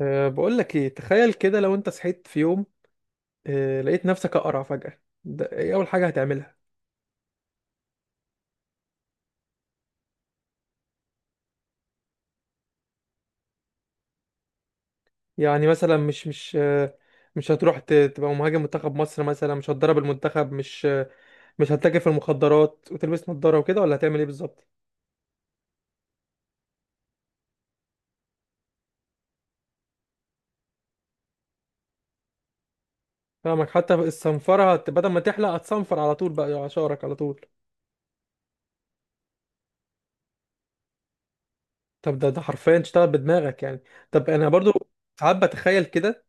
بقول لك ايه، تخيل كده لو انت صحيت في يوم لقيت نفسك اقرع فجأة، ده ايه اول حاجة هتعملها؟ يعني مثلا مش هتروح تبقى مهاجم منتخب مصر مثلا، مش هتدرب المنتخب، مش هتتاجر في المخدرات وتلبس نظارة وكده، ولا هتعمل ايه بالظبط؟ فاهمك، حتى الصنفرة بدل ما تحلق هتصنفر على طول بقى على شعرك على طول. طب ده حرفيا تشتغل بدماغك يعني؟ طب انا برضو ساعات بتخيل كده،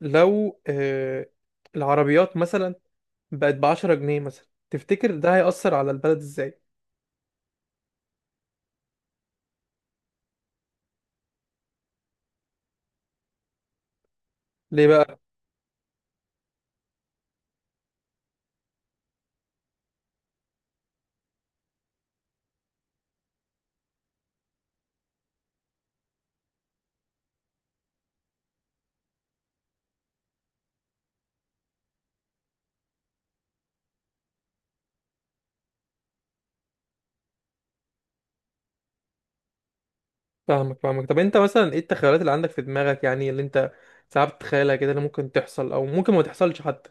لو العربيات مثلا بقت بعشرة جنيه مثلا، تفتكر ده هيأثر على البلد ازاي؟ ليه بقى؟ فاهمك فاهمك، طب انت مثلا ايه التخيلات اللي عندك في دماغك يعني، اللي انت ساعات بتتخيلها كده، اللي ممكن تحصل او ممكن ما تحصلش حتى؟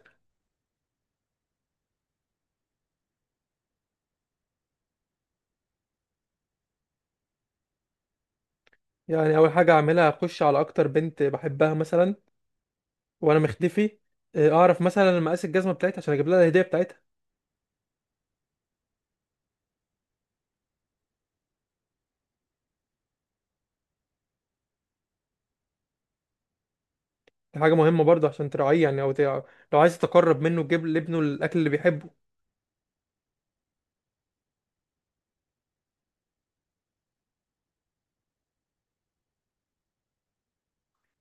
يعني اول حاجة اعملها اخش على اكتر بنت بحبها مثلا وانا مختفي، اه، اعرف مثلا مقاس الجزمة بتاعتها عشان اجيب لها الهدية بتاعتها. دي حاجة مهمة برضه عشان تراعيه يعني، لو عايز تقرب منه تجيب لابنه الاكل اللي بيحبه.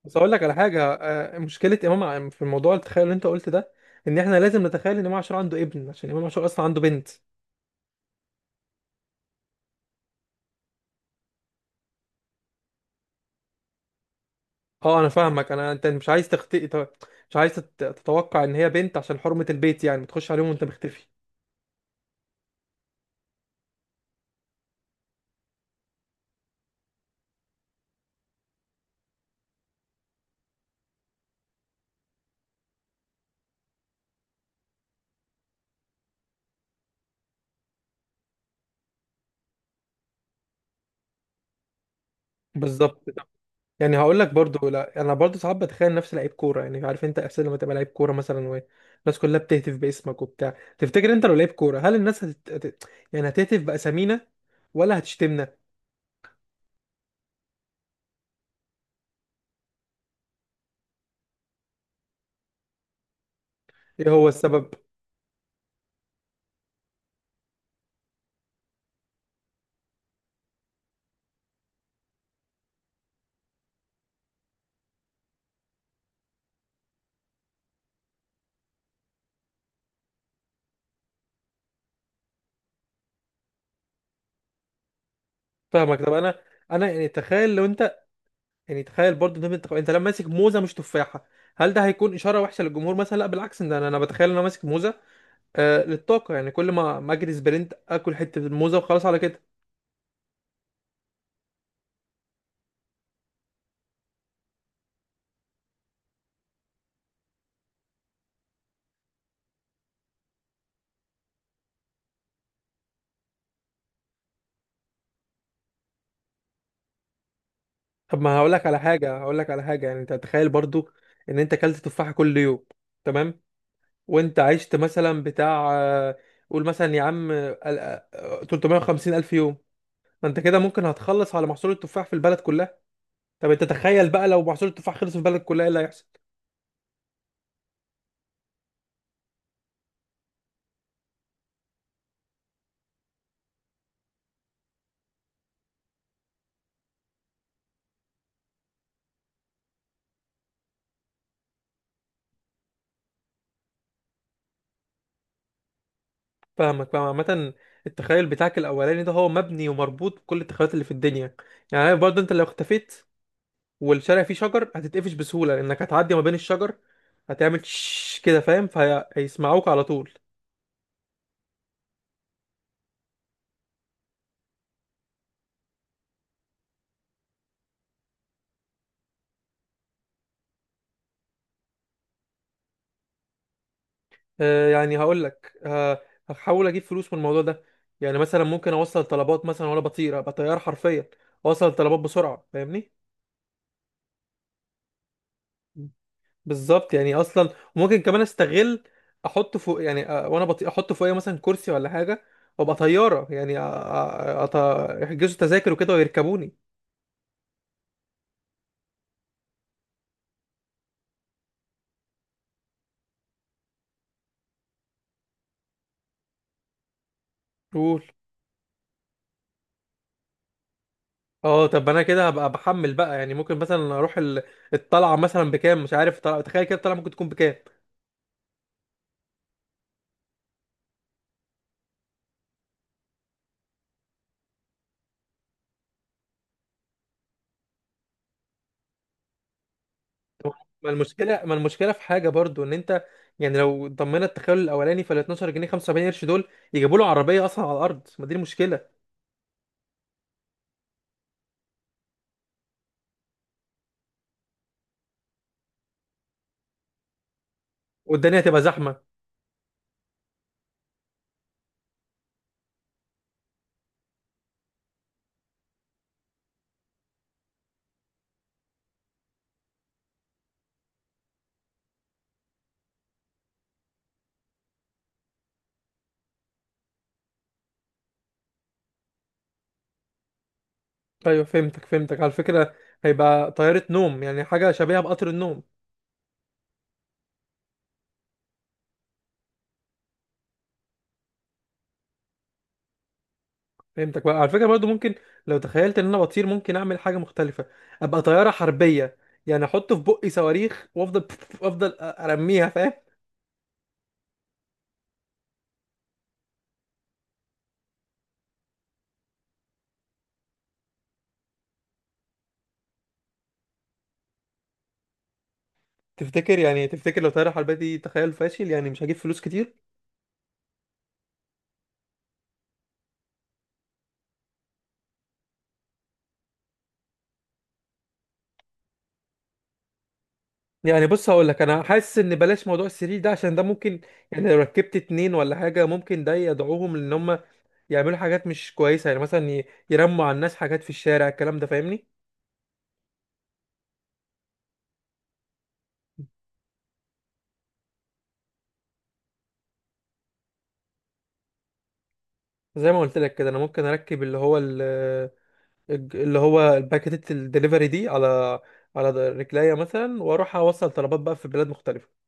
بس اقول لك على حاجه، مشكله امام في الموضوع التخيل اللي انت قلت ده، ان احنا لازم نتخيل ان امام عاشور عنده ابن، عشان امام عاشور اصلا عنده بنت. اه انا فاهمك، انا انت مش عايز تخطئ، مش عايز تتوقع ان هي بنت عشان حرمه البيت يعني، ما تخش عليهم وانت مختفي. بالظبط، يعني هقول لك برضو، لا انا برضو ساعات بتخيل نفسي لعيب كوره، يعني عارف انت احساس لما تبقى لعيب كوره مثلا والناس كلها بتهتف باسمك وبتاع، تفتكر انت لو لعيب كوره هل الناس يعني هتهتف باسامينا ولا هتشتمنا؟ ايه هو السبب؟ فاهمك، طب انا يعني تخيل لو انت، يعني تخيل برضه ده انت لما ماسك موزه مش تفاحه، هل ده هيكون اشاره وحشه للجمهور مثلا؟ لا بالعكس، ده انا انا بتخيل ان انا ماسك موزه للطاقه، يعني كل ما اجري سبرنت اكل حته الموزه وخلاص على كده. طب ما هقول لك على حاجه، هقول لك على حاجه، يعني انت تخيل برضه ان انت اكلت تفاحه كل يوم، تمام؟ وانت عشت مثلا بتاع، قول مثلا يا عم، 350 الف يوم، ما انت كده ممكن هتخلص على محصول التفاح في البلد كلها، طب انت تخيل بقى لو محصول التفاح خلص في البلد كلها ايه اللي هيحصل؟ فاهمك، فاهم عامة، التخيل بتاعك الأولاني ده هو مبني ومربوط بكل التخيلات اللي في الدنيا، يعني عارف برضه أنت لو اختفيت والشارع فيه شجر هتتقفش بسهولة لأنك هتعدي ما بين الشجر، هتعمل شش كده، فاهم؟ فهيسمعوك على طول. يعني هقول لك، هحاول أجيب فلوس من الموضوع ده، يعني مثلا ممكن أوصل طلبات مثلا وأنا بطير، أبقى طيار حرفيا، أوصل طلبات بسرعة، فاهمني؟ بالظبط، يعني اصلا ممكن كمان استغل، احط فوق يعني، وانا بطيء احط فوقيه مثلا كرسي ولا حاجه، وابقى طياره يعني أط... يحجزوا تذاكر وكده ويركبوني. قول. اه طب انا كده هبقى بحمل بقى يعني، ممكن مثلا اروح الطلعه مثلا بكام، مش عارف، تخيل كده الطلعه ممكن تكون بكام؟ طب ما المشكله في حاجه برضو ان انت، يعني لو ضمينا التخيل الاولاني، فال 12 جنيه 75 قرش دول يجيبوا له عربيه اصلا على الارض، ما دي المشكله. والدنيا هتبقى زحمه. ايوه فهمتك فهمتك، على فكره هيبقى طياره نوم، يعني حاجه شبيهه بقطر النوم. فهمتك، بقى على فكره برضو ممكن، لو تخيلت ان انا بطير ممكن اعمل حاجه مختلفه، ابقى طياره حربيه، يعني احط في بقي صواريخ وافضل افضل ارميها، فاهم؟ تفتكر يعني، تفتكر لو طياره حربيه دي تخيل فاشل يعني مش هجيب فلوس كتير؟ يعني بص هقول لك، انا حاسس ان بلاش موضوع السرير ده عشان ده ممكن، يعني لو ركبت اتنين ولا حاجه ممكن ده يدعوهم لان هم يعملوا حاجات مش كويسه، يعني مثلا يرموا على الناس حاجات في الشارع، الكلام ده فاهمني؟ زي ما قلت لك كده، انا ممكن اركب اللي هو اللي هو الباكيت الدليفري دي على على رجليا مثلا، واروح اوصل طلبات بقى في بلاد مختلفه.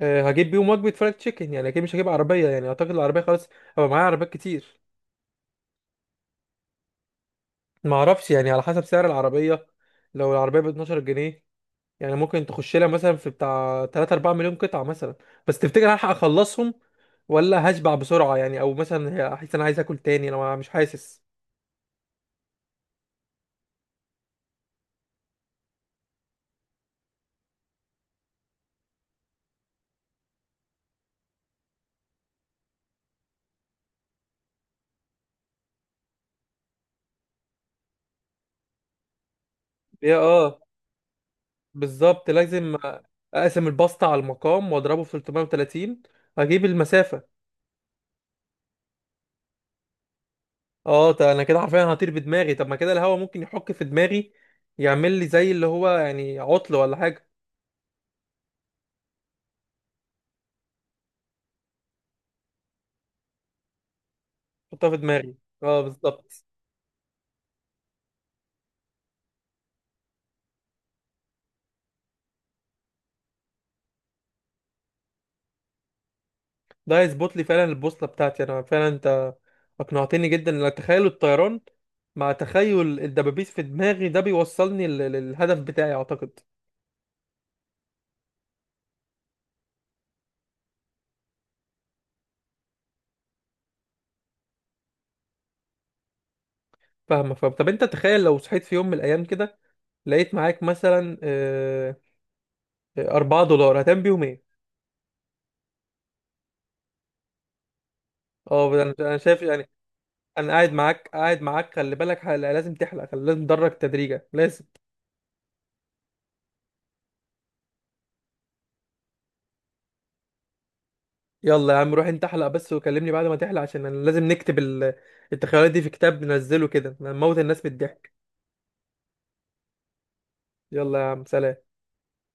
هجيب بيهم وجبه فرايد تشيكن، يعني اكيد مش هجيب عربيه، يعني اعتقد العربيه خلاص هبقى معايا عربيات كتير. ما اعرفش يعني على حسب سعر العربيه، لو العربيه ب 12 جنيه، يعني ممكن تخش لها مثلا في بتاع 3 4 مليون قطعه مثلا، بس تفتكر هلحق اخلصهم ولا هشبع بسرعه؟ يعني او مثلا هحس انا عايز اكل تاني، انا مش حاسس. يا اه بالظبط، لازم اقسم الباستا على المقام واضربه في 330، اجيب المسافه. اه ده انا كده حرفيا هطير بدماغي، طب ما كده الهواء ممكن يحك في دماغي، يعمل لي زي اللي هو يعني عطل ولا حاجه. احطها في دماغي، اه بالظبط، ده هيظبط لي فعلا البوصله بتاعتي، انا فعلا انت اقنعتني جدا، لأن تخيل الطيران مع تخيل الدبابيس في دماغي ده بيوصلني للهدف بتاعي اعتقد. فاهمه فاهم، طب انت تخيل لو صحيت في يوم من الايام كده، لقيت معاك مثلا 4 دولار، هتعمل بيهم ايه؟ اه أنا شايف يعني. انا قاعد معاك، قاعد معاك خلي بالك، حلقة، لازم تحلق، خلي لازم تدرج تدريجة لازم. يلا يا عم روح انت احلق بس وكلمني بعد ما تحلق، عشان انا لازم نكتب التخيلات دي في كتاب ننزله كده نموت الناس من الضحك. يلا يا عم سلام.